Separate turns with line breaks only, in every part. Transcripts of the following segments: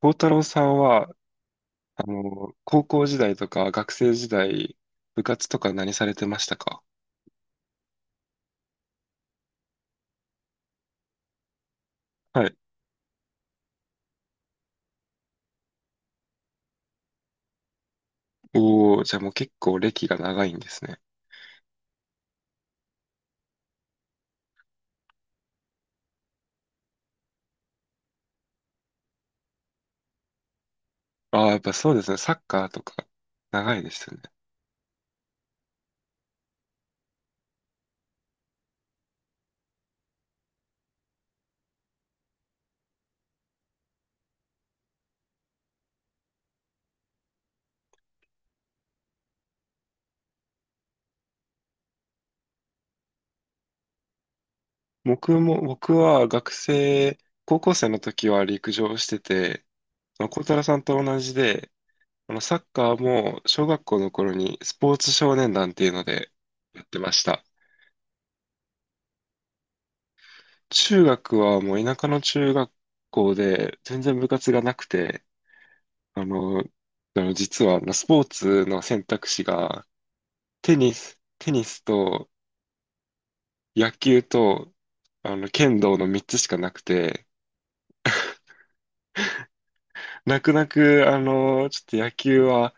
孝太郎さんは、高校時代とか学生時代、部活とか何されてましたか？はい。おー、じゃあもう結構歴が長いんですね。ああ、やっぱそうですね。サッカーとか長いですよね。僕は高校生の時は陸上してて、あの孝太郎さんと同じで、サッカーも小学校の頃にスポーツ少年団っていうのでやってました。中学はもう田舎の中学校で全然部活がなくて、実はスポーツの選択肢がテニスと野球と剣道の3つしかなくて、泣く泣く、ちょっと野球は、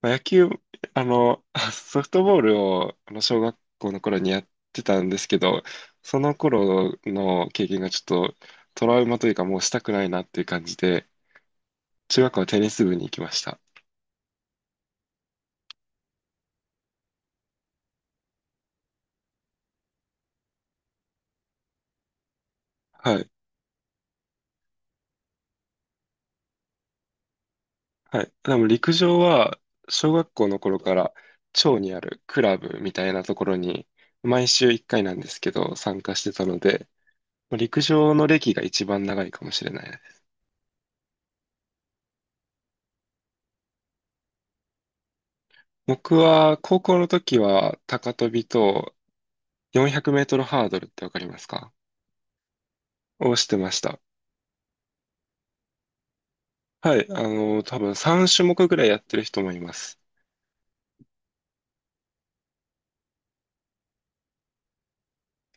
まあ、野球、あの、ソフトボールを小学校の頃にやってたんですけど、その頃の経験がちょっとトラウマというかもうしたくないなっていう感じで、中学校はテニス部に行きました。はい。はい。でも陸上は、小学校の頃から、町にあるクラブみたいなところに、毎週1回なんですけど、参加してたので、まあ陸上の歴が一番長いかもしれないです。僕は、高校の時は、高跳びと400メートルハードルってわかりますか？をしてました。はい。多分3種目ぐらいやってる人もいます。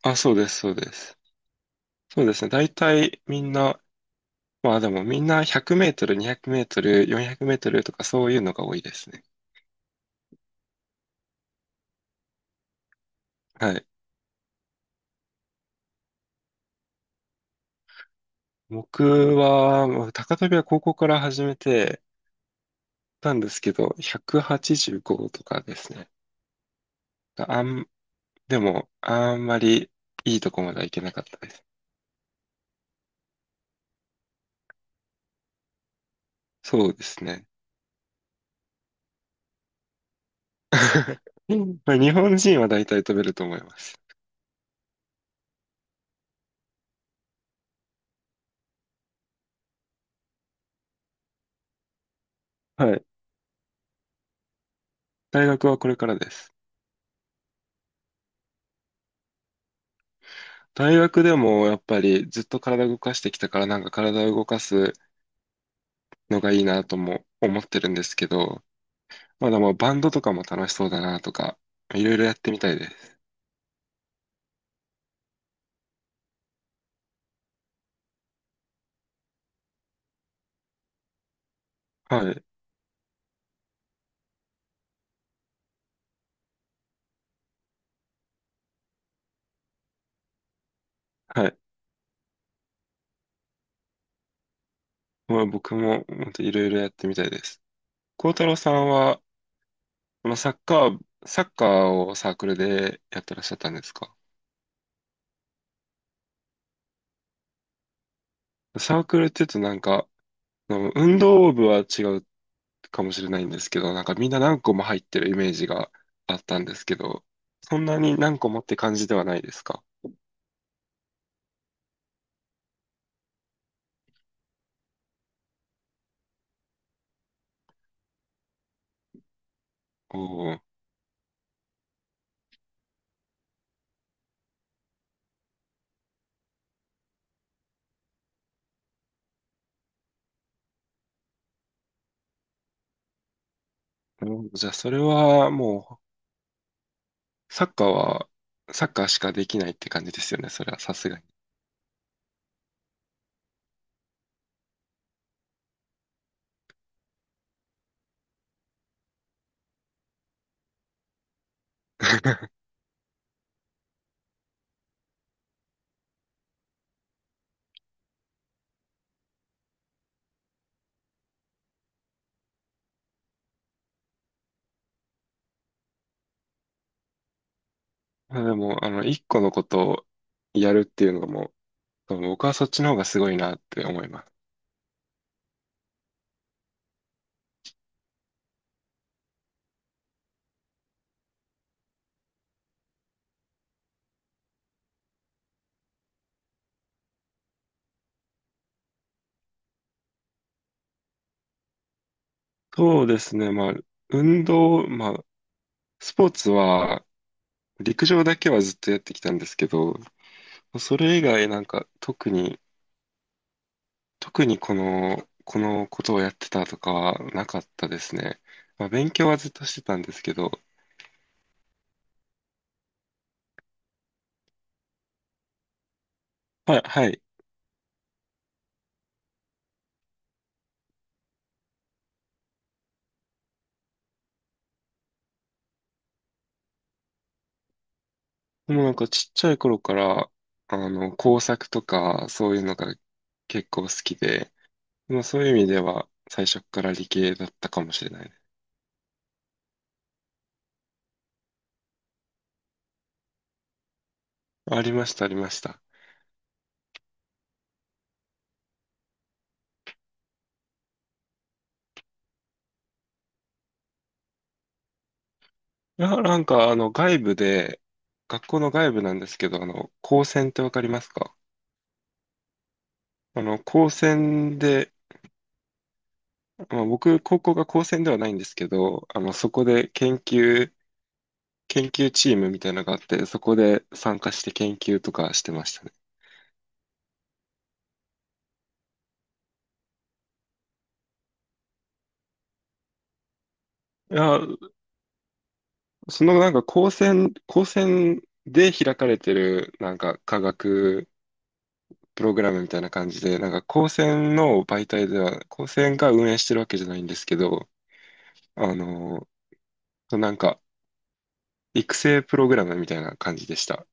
あ、そうです、そうです。そうですね。大体みんな、まあでもみんな100メートル、200メートル、400メートルとかそういうのが多いですね。はい。僕は、まあ高跳びは高校から始めてたんですけど、185とかですね。あん、でも、あんまりいいとこまではいけなかったです。そうですね。まあ、日本人は大体飛べると思います。はい。大学はこれからです。大学でもやっぱりずっと体動かしてきたからなんか体を動かすのがいいなとも思ってるんですけど、まだまあバンドとかも楽しそうだなとか、いろいろやってみたいです。はい。はい。まあ僕も本当いろいろやってみたいです。幸太郎さんは、まあ、サッカーをサークルでやってらっしゃったんですか？サークルって言うとなんか、あの運動部は違うかもしれないんですけど、なんかみんな何個も入ってるイメージがあったんですけど、そんなに何個もって感じではないですか？おお、なるほど。じゃあそれはもう、サッカーしかできないって感じですよね。それはさすがに。まあでも、一個のことをやるっていうのがもう、僕はそっちの方がすごいなって思います。そうですね。まあ、まあ、スポーツは、陸上だけはずっとやってきたんですけど、それ以外なんか特に、この、ことをやってたとかはなかったですね。まあ、勉強はずっとしてたんですけど、はい、はい。でもなんかちっちゃい頃から、工作とか、そういうのが結構好きで、まあそういう意味では最初から理系だったかもしれないね。ありました、ありました。なんか外部で、学校の外部なんですけど、高専ってわかりますか？高専で、まあ、僕、高校が高専ではないんですけど、そこで研究チームみたいなのがあって、そこで参加して研究とかしてましたね。いや、そのなんか高専で開かれてるなんか科学プログラムみたいな感じで、なんか高専の媒体では、高専が運営してるわけじゃないんですけど、あの、なんか育成プログラムみたいな感じでした。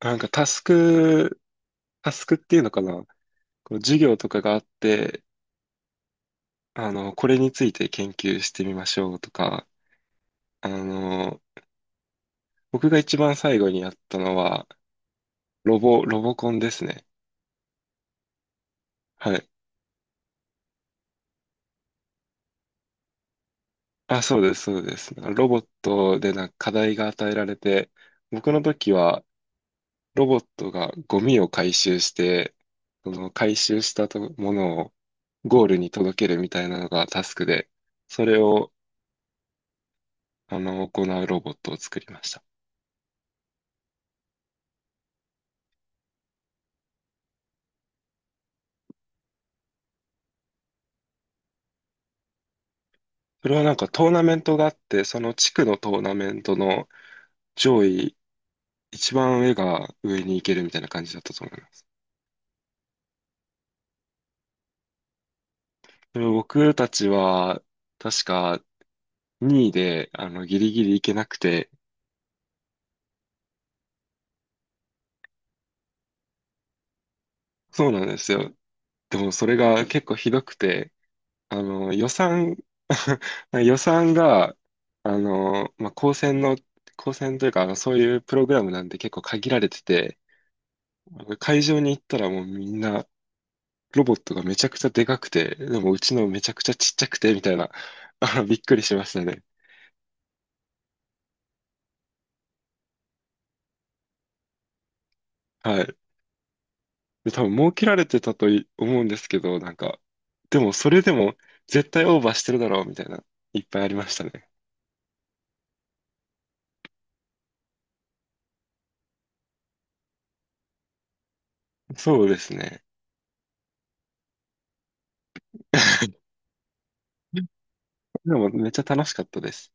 なんかタスクっていうのかな、こう授業とかがあって、これについて研究してみましょうとか、あの、僕が一番最後にやったのは、ロボコンですね。はい。あ、そうです、そうです。ロボットでなんか課題が与えられて、僕の時は、ロボットがゴミを回収して、その回収したとものをゴールに届けるみたいなのがタスクで、それを行うロボットを作りました。それはなんかトーナメントがあって、その地区のトーナメントの上位、一番上が上に行けるみたいな感じだったと思います。それ僕たちは確か2位でギリギリ行けなくて、そうなんですよ。でもそれが結構ひどくて、あの、予算、予算が、まあ、高専の、高専というか、そういうプログラムなんで結構限られてて、会場に行ったらもうみんな、ロボットがめちゃくちゃでかくて、でもうちのめちゃくちゃちっちゃくて、みたいな、びっくりしましたね。はい。で、多分儲けられてたとい思うんですけど、なんか、でもそれでも絶対オーバーしてるだろう、みたいな、いっぱいありましたね。そうですね。でもめっちゃ楽しかったです。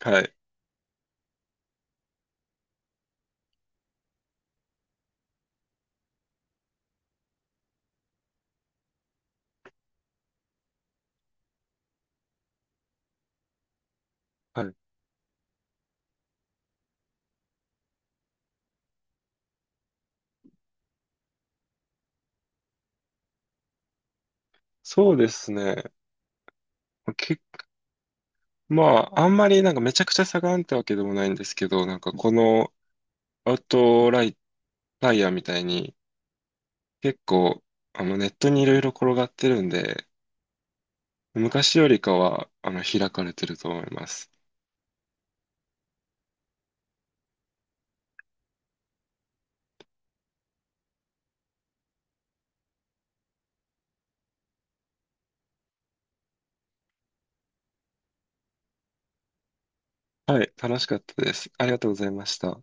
はい。はい、そうですね。け、まあ、あんまりなんかめちゃくちゃ差があるってわけでもないんですけど、なんかこのアウトライライヤーみたいに結構ネットにいろいろ転がってるんで、昔よりかは開かれてると思います。はい、楽しかったです。ありがとうございました。